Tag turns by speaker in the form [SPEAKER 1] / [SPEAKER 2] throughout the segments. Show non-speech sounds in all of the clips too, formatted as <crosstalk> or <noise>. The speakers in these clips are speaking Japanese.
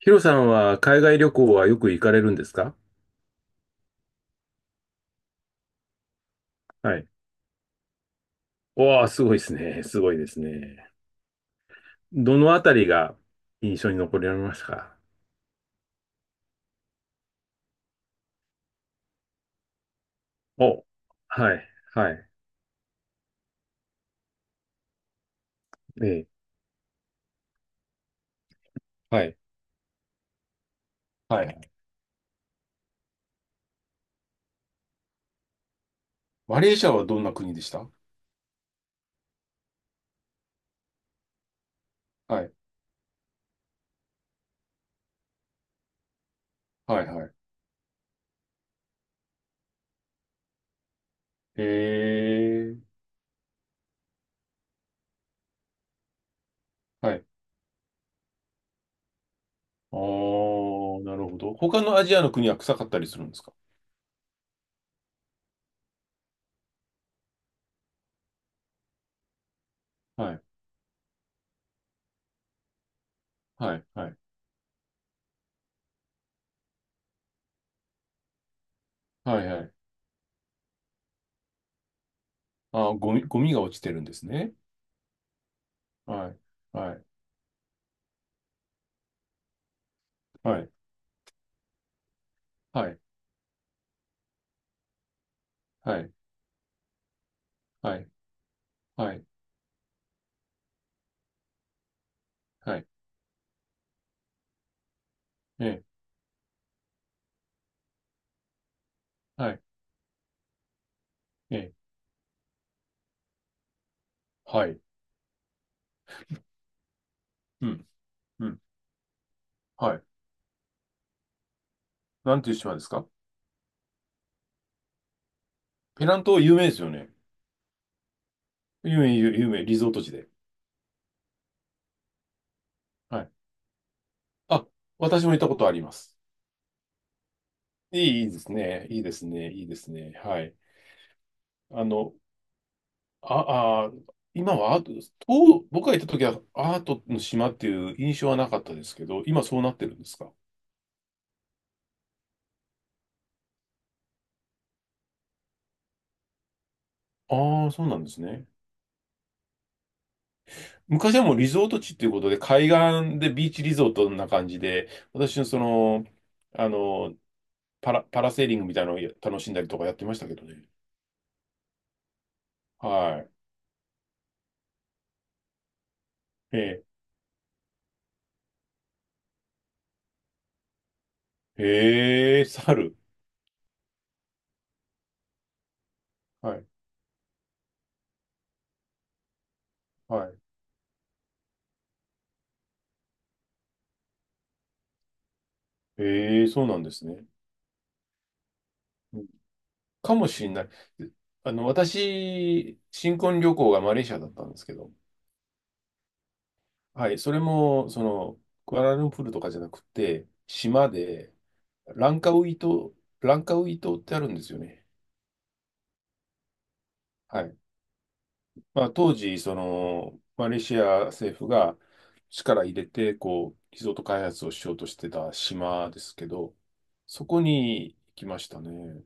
[SPEAKER 1] ヒロさんは海外旅行はよく行かれるんですか？はい。おー、すごいですね。すごいですね。どのあたりが印象に残りましたか？お、はい、はい、ええ、はい。はい。マレーシアはどんな国でした？はい。はい。はい。えー。はい。あー、なるほど。他のアジアの国は臭かったりするんですか？はい。はい。はい。はい。はい。あー、ゴミ、ゴミが落ちてるんですね。はい。はい。はい。はい。はい。はい。はい。はい。はい。はい。ええ。はい。うん。うん。はい。なんていう島ですか？ペナン島有名ですよね。有名、有有名、リゾート地で。はい。あ、私も行ったことあります。いい、いいですね。いいですね。いいですね。はい。あの、あ、あ、今はアート、と僕が行った時はアートの島っていう印象はなかったですけど、今そうなってるんですか？ああ、そうなんですね。昔はもうリゾート地っていうことで、海岸でビーチリゾートな感じで、私のその、あの、パラセーリングみたいなのを楽しんだりとかやってましたけどね。はい。えー、えー、猿。はい。はい。えー、そうなんですね。うん、かもしれない。あの、私、新婚旅行がマレーシアだったんですけど、はい。それも、その、クアラルンプールとかじゃなくて、島で、ランカウイ島、ランカウイ島ってあるんですよね。はい。まあ、当時、その、マレーシア政府が力入れて、こう、リゾート開発をしようとしてた島ですけど、そこに行きましたね。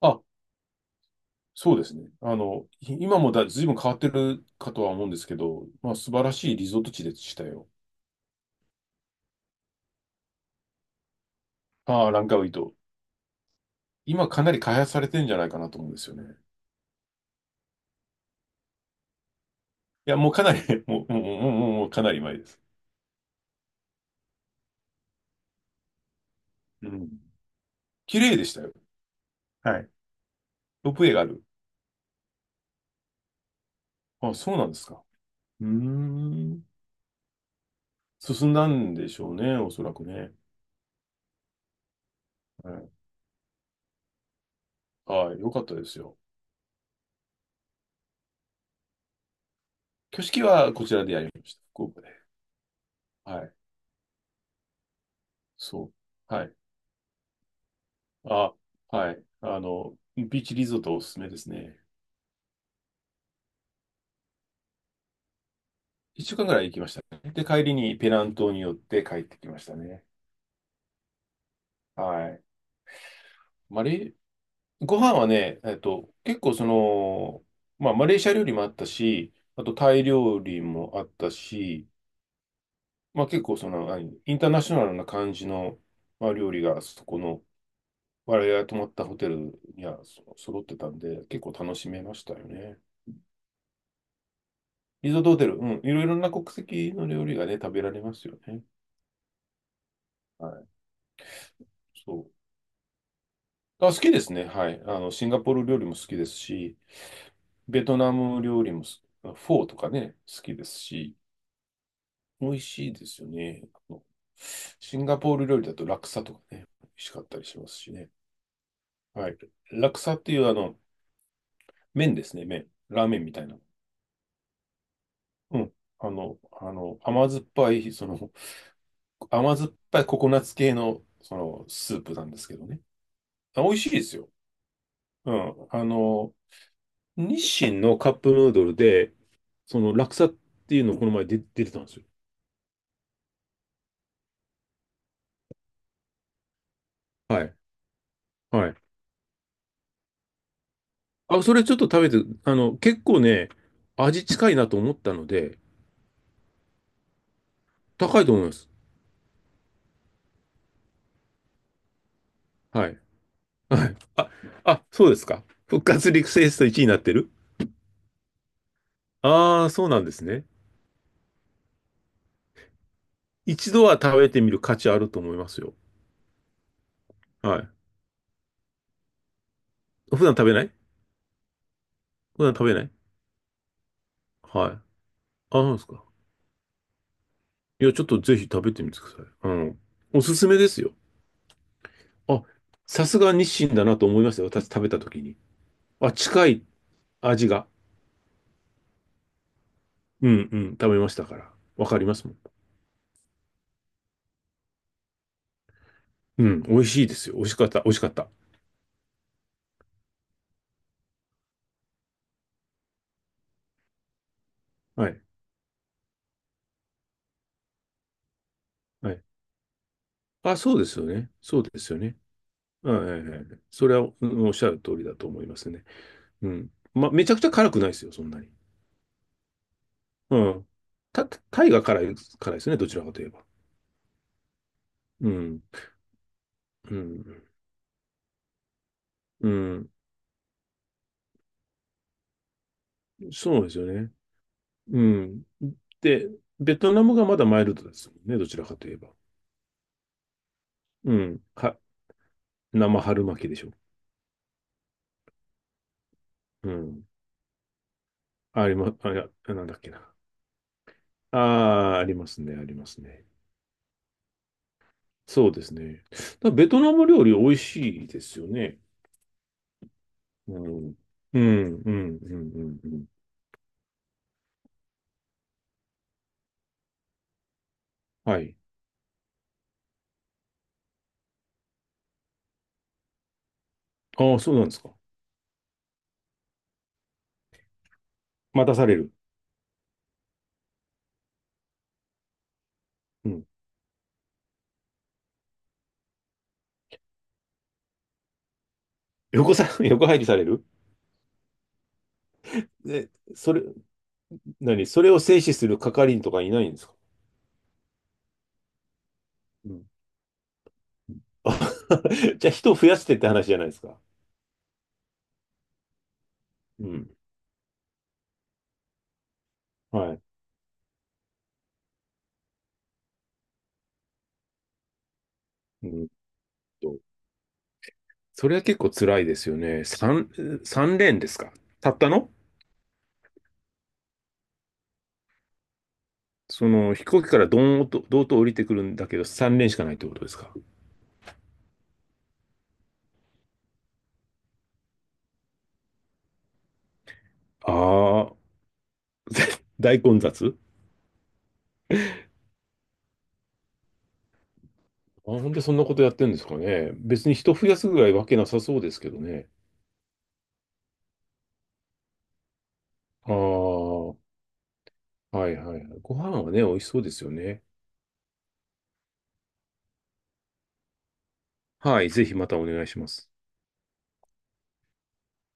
[SPEAKER 1] あ、そうですね。あの、い今もだ、随分変わってるかとは思うんですけど、まあ、素晴らしいリゾート地でしたよ。ああ、ランカウイ島。今かなり開発されてるんじゃないかなと思うんですよね。いや、もうかなり <laughs> もう、もう、もう、もう、もうかなり前です。うん。綺麗でしたよ。はい。ロープウェイがある。あ、そうなんですか。うーん。進んだんでしょうね、おそらくね。はい。はい。よかったですよ。挙式はこちらでやりました。福岡で。はい。そう。はい。あ、はい。あの、ビーチリゾートおすすめですね。一週間ぐらい行きましたね。で、帰りにペナン島に寄って帰ってきましたね。はい。マレー、ご飯はね、結構その、まあ、マレーシア料理もあったし、あとタイ料理もあったし、まあ、結構その、何インターナショナルな感じの、まあ、料理がそこの、我々が泊まったホテルにはそ揃ってたんで、結構楽しめましたよね。リゾートホテル、うん、いろいろな国籍の料理がね、食べられますよね。はい。そう。あ、好きですね。はい。あの、シンガポール料理も好きですし、ベトナム料理もす、フォーとかね、好きですし、美味しいですよね。あの、シンガポール料理だとラクサとかね、美味しかったりしますしね。はい。ラクサっていうあの、麺ですね、麺。ラーメンみたいな。うん。あの、甘酸っぱい、その、甘酸っぱいココナッツ系の、その、スープなんですけどね。あ、美味しいですよ。うん。あの、日清のカップヌードルで、その、ラクサっていうのをこの前で出てたんですよ。はい。はい。あ、それちょっと食べて、あの、結構ね、味近いなと思ったので、高いと思います。はい。はい。そうですか。復活リクエスト1位になってる？ああー、そうなんですね。一度は食べてみる価値あると思いますよ。はい。普段食べない？普段食べない？はい。あ、そうですか。いや、ちょっとぜひ食べてみてください。うん。おすすめですよ。あ、さすが日清だなと思いましたよ。私食べた時に。あ、近い味が。うんうん。食べましたから。わかりますもん。うん。美味しいですよ。美味しかった。美味しかった。はい。はい。あ、そうですよね。そうですよね。はいはいはい。それは、うん、おっしゃる通りだと思いますね。うん。まあ、めちゃくちゃ辛くないですよ。そんなに。うん。た、タイが辛い、辛いですね。どちらかといえば。うん。うん。うん。そうですよね。うん。で、ベトナムがまだマイルドですもんね、どちらかといえば。うん。は、生春巻きでしょ。うん。ありま、あ、いやなんだっけな。ああ、ありますね、ありますね。そうですね。だからベトナム料理美味しいですよね。うん。うん、うん、うん、うん、うん。はい。ああ、そうなんですか。待たされる。うん。横さ、<laughs> 横入りされる？で、それ、何それを制止する係員とかいないんですか？うん。あ <laughs> じゃあ人を増やしてって話じゃないですか。うん。はい。うんと。それは結構辛いですよね。三、三連ですか？たったの？その飛行機からドーンと、ドーンと降りてくるんだけど、三連しかないってことですか？ああ、大混雑。あ、本当にそんなことやってるんですかね。別に人増やすぐらいわけなさそうですけどね。ああ、はいはいはい。ご飯はね、美味しそうですよね。はい、ぜひまたお願いします。